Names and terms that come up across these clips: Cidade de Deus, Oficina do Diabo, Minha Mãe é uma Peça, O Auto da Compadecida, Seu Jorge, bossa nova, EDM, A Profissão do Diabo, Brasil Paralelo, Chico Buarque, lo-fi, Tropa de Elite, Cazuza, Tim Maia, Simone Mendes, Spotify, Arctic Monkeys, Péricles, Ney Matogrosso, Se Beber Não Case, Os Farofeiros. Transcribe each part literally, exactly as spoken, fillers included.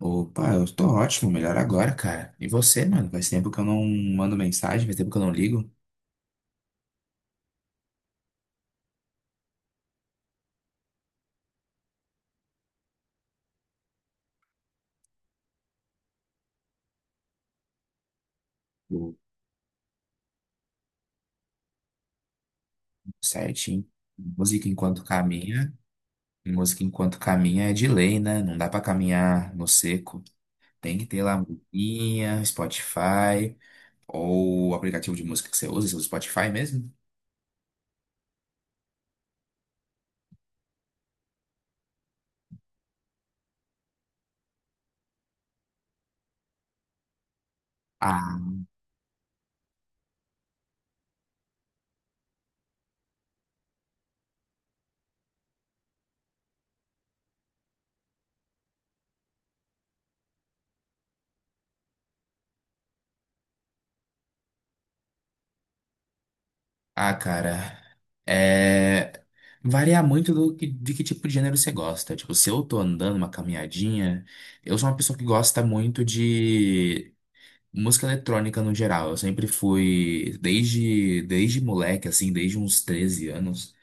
Opa, eu tô ótimo, melhor agora, cara. E você, mano? Faz tempo que eu não mando mensagem, faz tempo que eu não ligo. Tudo certinho. Música enquanto caminha, música enquanto caminha é de lei, né? Não dá pra caminhar no seco. Tem que ter lá musiquinha, Spotify, ou o aplicativo de música que você usa, seu Spotify mesmo. Ah, ah, cara, é... varia muito do que, de que tipo de gênero você gosta. Tipo, se eu tô andando uma caminhadinha, eu sou uma pessoa que gosta muito de música eletrônica no geral. Eu sempre fui, desde, desde moleque, assim, desde uns treze anos,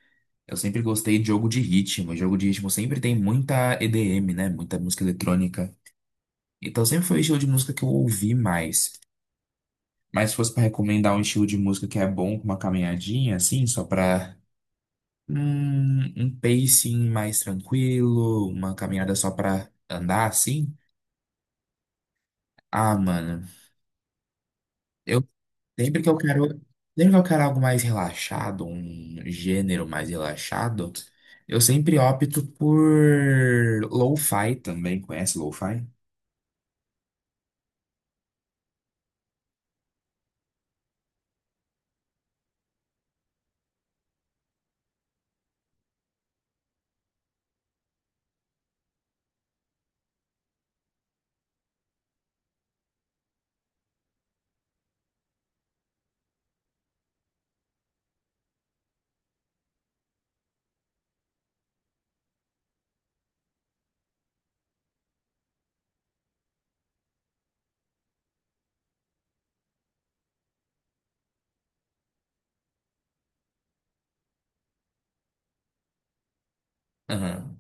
eu sempre gostei de jogo de ritmo. Jogo de ritmo sempre tem muita E D M, né? Muita música eletrônica. Então sempre foi o estilo de música que eu ouvi mais. Mas se fosse pra recomendar um estilo de música que é bom com uma caminhadinha, assim, só pra. Hum, um pacing mais tranquilo, uma caminhada só pra andar assim? Ah, mano, eu sempre que eu quero, sempre que eu quero algo mais relaxado, um gênero mais relaxado, eu sempre opto por lo-fi também. Conhece lo-fi? Aham.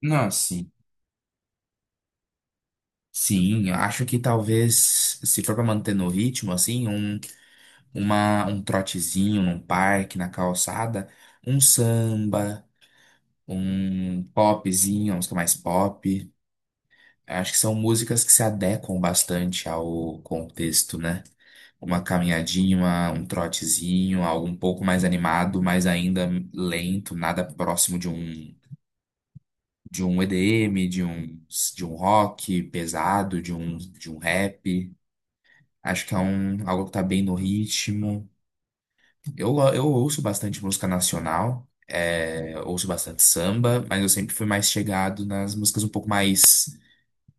Não, sim. Sim, eu acho que talvez, se for pra manter no ritmo, assim, um, uma, um trotezinho num parque, na calçada, um samba, um popzinho, uma música mais pop. Acho que são músicas que se adequam bastante ao contexto, né? Uma caminhadinha, uma- um trotezinho, algo um pouco mais animado, mas ainda lento, nada próximo de um de um E D M, de um de um rock pesado, de um de um rap. Acho que é um algo que tá bem no ritmo. Eu, eu ouço bastante música nacional. É, ouço bastante samba, mas eu sempre fui mais chegado nas músicas um pouco mais,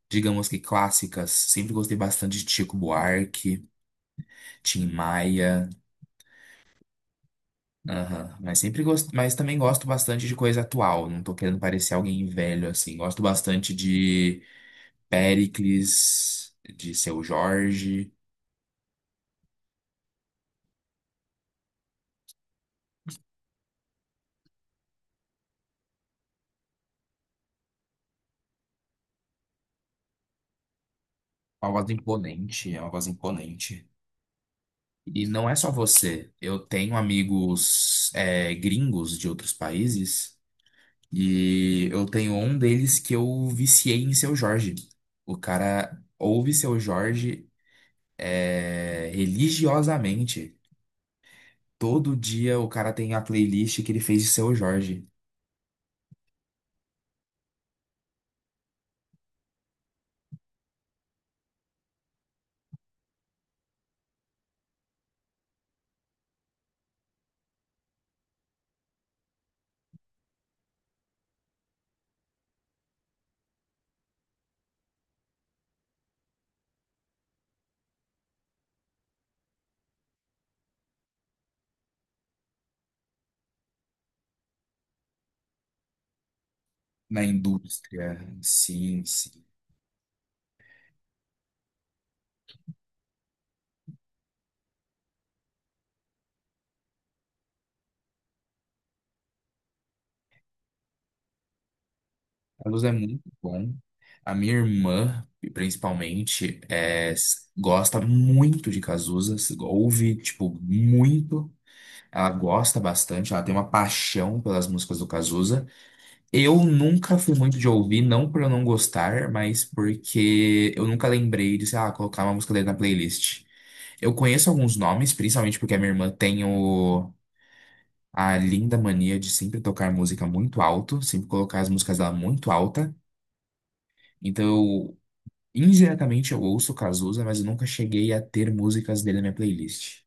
digamos, que clássicas. Sempre gostei bastante de Chico Buarque, Tim Maia, aham. Mas sempre gosto, mas também gosto bastante de coisa atual. Não tô querendo parecer alguém velho assim. Gosto bastante de Péricles, de Seu Jorge. É uma voz imponente, é uma voz imponente. E não é só você. Eu tenho amigos, é, gringos de outros países e eu tenho um deles que eu viciei em Seu Jorge. O cara ouve Seu Jorge, é, religiosamente. Todo dia o cara tem a playlist que ele fez de Seu Jorge, na indústria. Sim, sim. A Luz é muito bom. A minha irmã, principalmente, é, s- gosta muito de Cazuza. s- Ouve, tipo, muito. Ela gosta bastante. Ela tem uma paixão pelas músicas do Cazuza. Eu nunca fui muito de ouvir, não por eu não gostar, mas porque eu nunca lembrei de, sei lá, colocar uma música dele na playlist. Eu conheço alguns nomes, principalmente porque a minha irmã tem o, a linda mania de sempre tocar música muito alto, sempre colocar as músicas dela muito alta. Então, eu- indiretamente eu ouço Cazuza, mas eu nunca cheguei a ter músicas dele na minha playlist.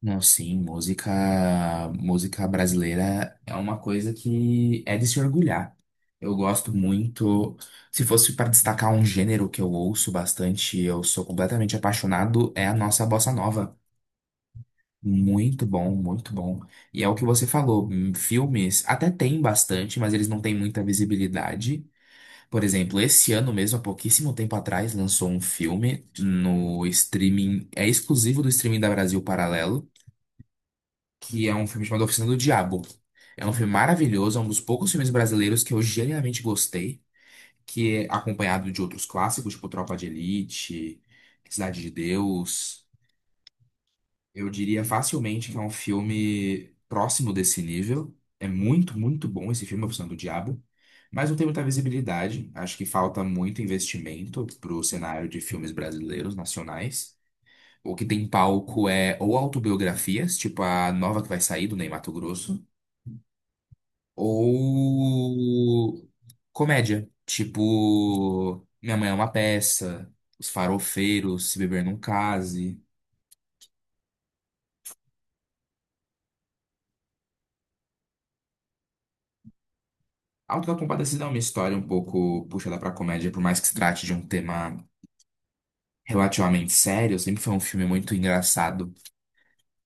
Não, sim, música, música brasileira é uma coisa que é de se orgulhar. Eu gosto muito. Se fosse para destacar um gênero que eu ouço bastante, eu sou completamente apaixonado, é a nossa bossa nova. Muito bom, muito bom. E é o que você falou, hum, filmes até tem bastante, mas eles não têm muita visibilidade. Por exemplo, esse ano mesmo, há pouquíssimo tempo atrás, lançou um filme no streaming, é exclusivo do streaming da Brasil Paralelo, que é um filme chamado Oficina do Diabo. É um filme maravilhoso, é um dos poucos filmes brasileiros que eu genuinamente gostei, que é acompanhado de outros clássicos, tipo Tropa de Elite, Cidade de Deus. Eu diria facilmente que é um filme próximo desse nível. É muito, muito bom esse filme, A Profissão do Diabo. Mas não tem muita visibilidade. Acho que falta muito investimento para o cenário de filmes brasileiros, nacionais. O que tem em palco é ou autobiografias, tipo a nova que vai sair do Ney Matogrosso, ou comédia, tipo Minha Mãe é uma Peça, Os Farofeiros, Se Beber Não Case. Autocompadecida é uma história um pouco puxada pra comédia, por mais que se trate de um tema relativamente sério, sempre foi um filme muito engraçado.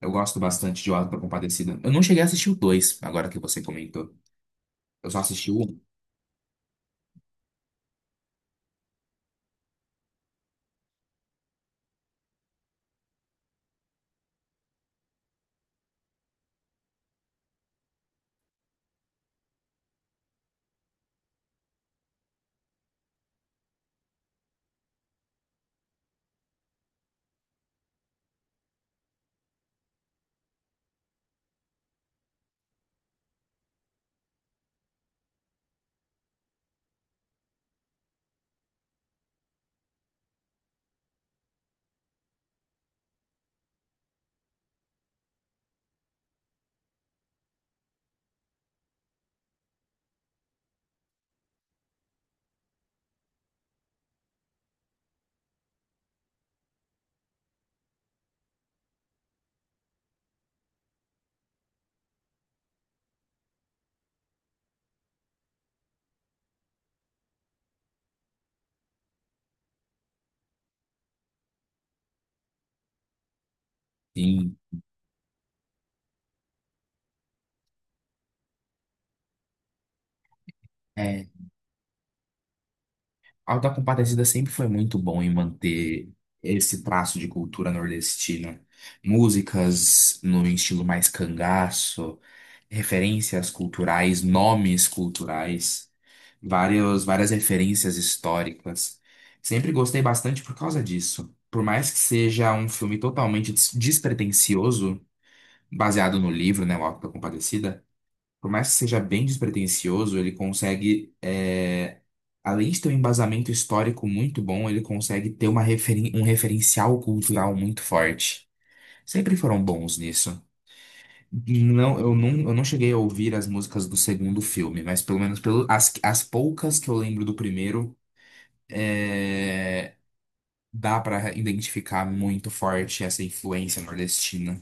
Eu gosto bastante de Autocompadecida. Eu não cheguei a assistir o dois, agora que você comentou. Eu só assisti o um. Sim. É, Autocompadecida sempre foi muito bom em manter esse traço de cultura nordestina. Músicas no estilo mais cangaço, referências culturais, nomes culturais, vários, várias referências históricas. Sempre gostei bastante por causa disso. Por mais que seja um filme totalmente des- despretensioso, baseado no livro, né, O Auto da Compadecida, por mais que seja bem despretensioso, ele consegue, é, além de ter um embasamento histórico muito bom, ele consegue ter uma referen- um referencial cultural muito forte. Sempre foram bons nisso. Não, eu não, eu não cheguei a ouvir as músicas do segundo filme, mas pelo menos pelo, as, as poucas que eu lembro do primeiro, é, dá pra identificar muito forte essa influência nordestina.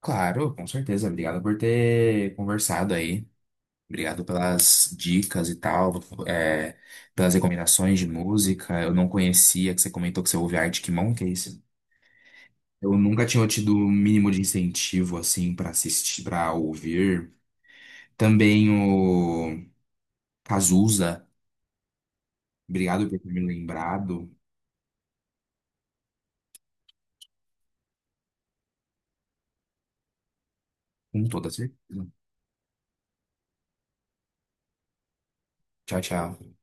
Claro, com certeza. Obrigado por ter conversado aí. Obrigado pelas dicas e tal, é, pelas recomendações de música. Eu não conhecia, que você comentou que você ouve Arctic Monkeys. Eu nunca tinha tido o mínimo de incentivo assim pra assistir, para ouvir. Também o Cazuza. Obrigado por ter me lembrado. Com toda certeza. Tchau, tchau.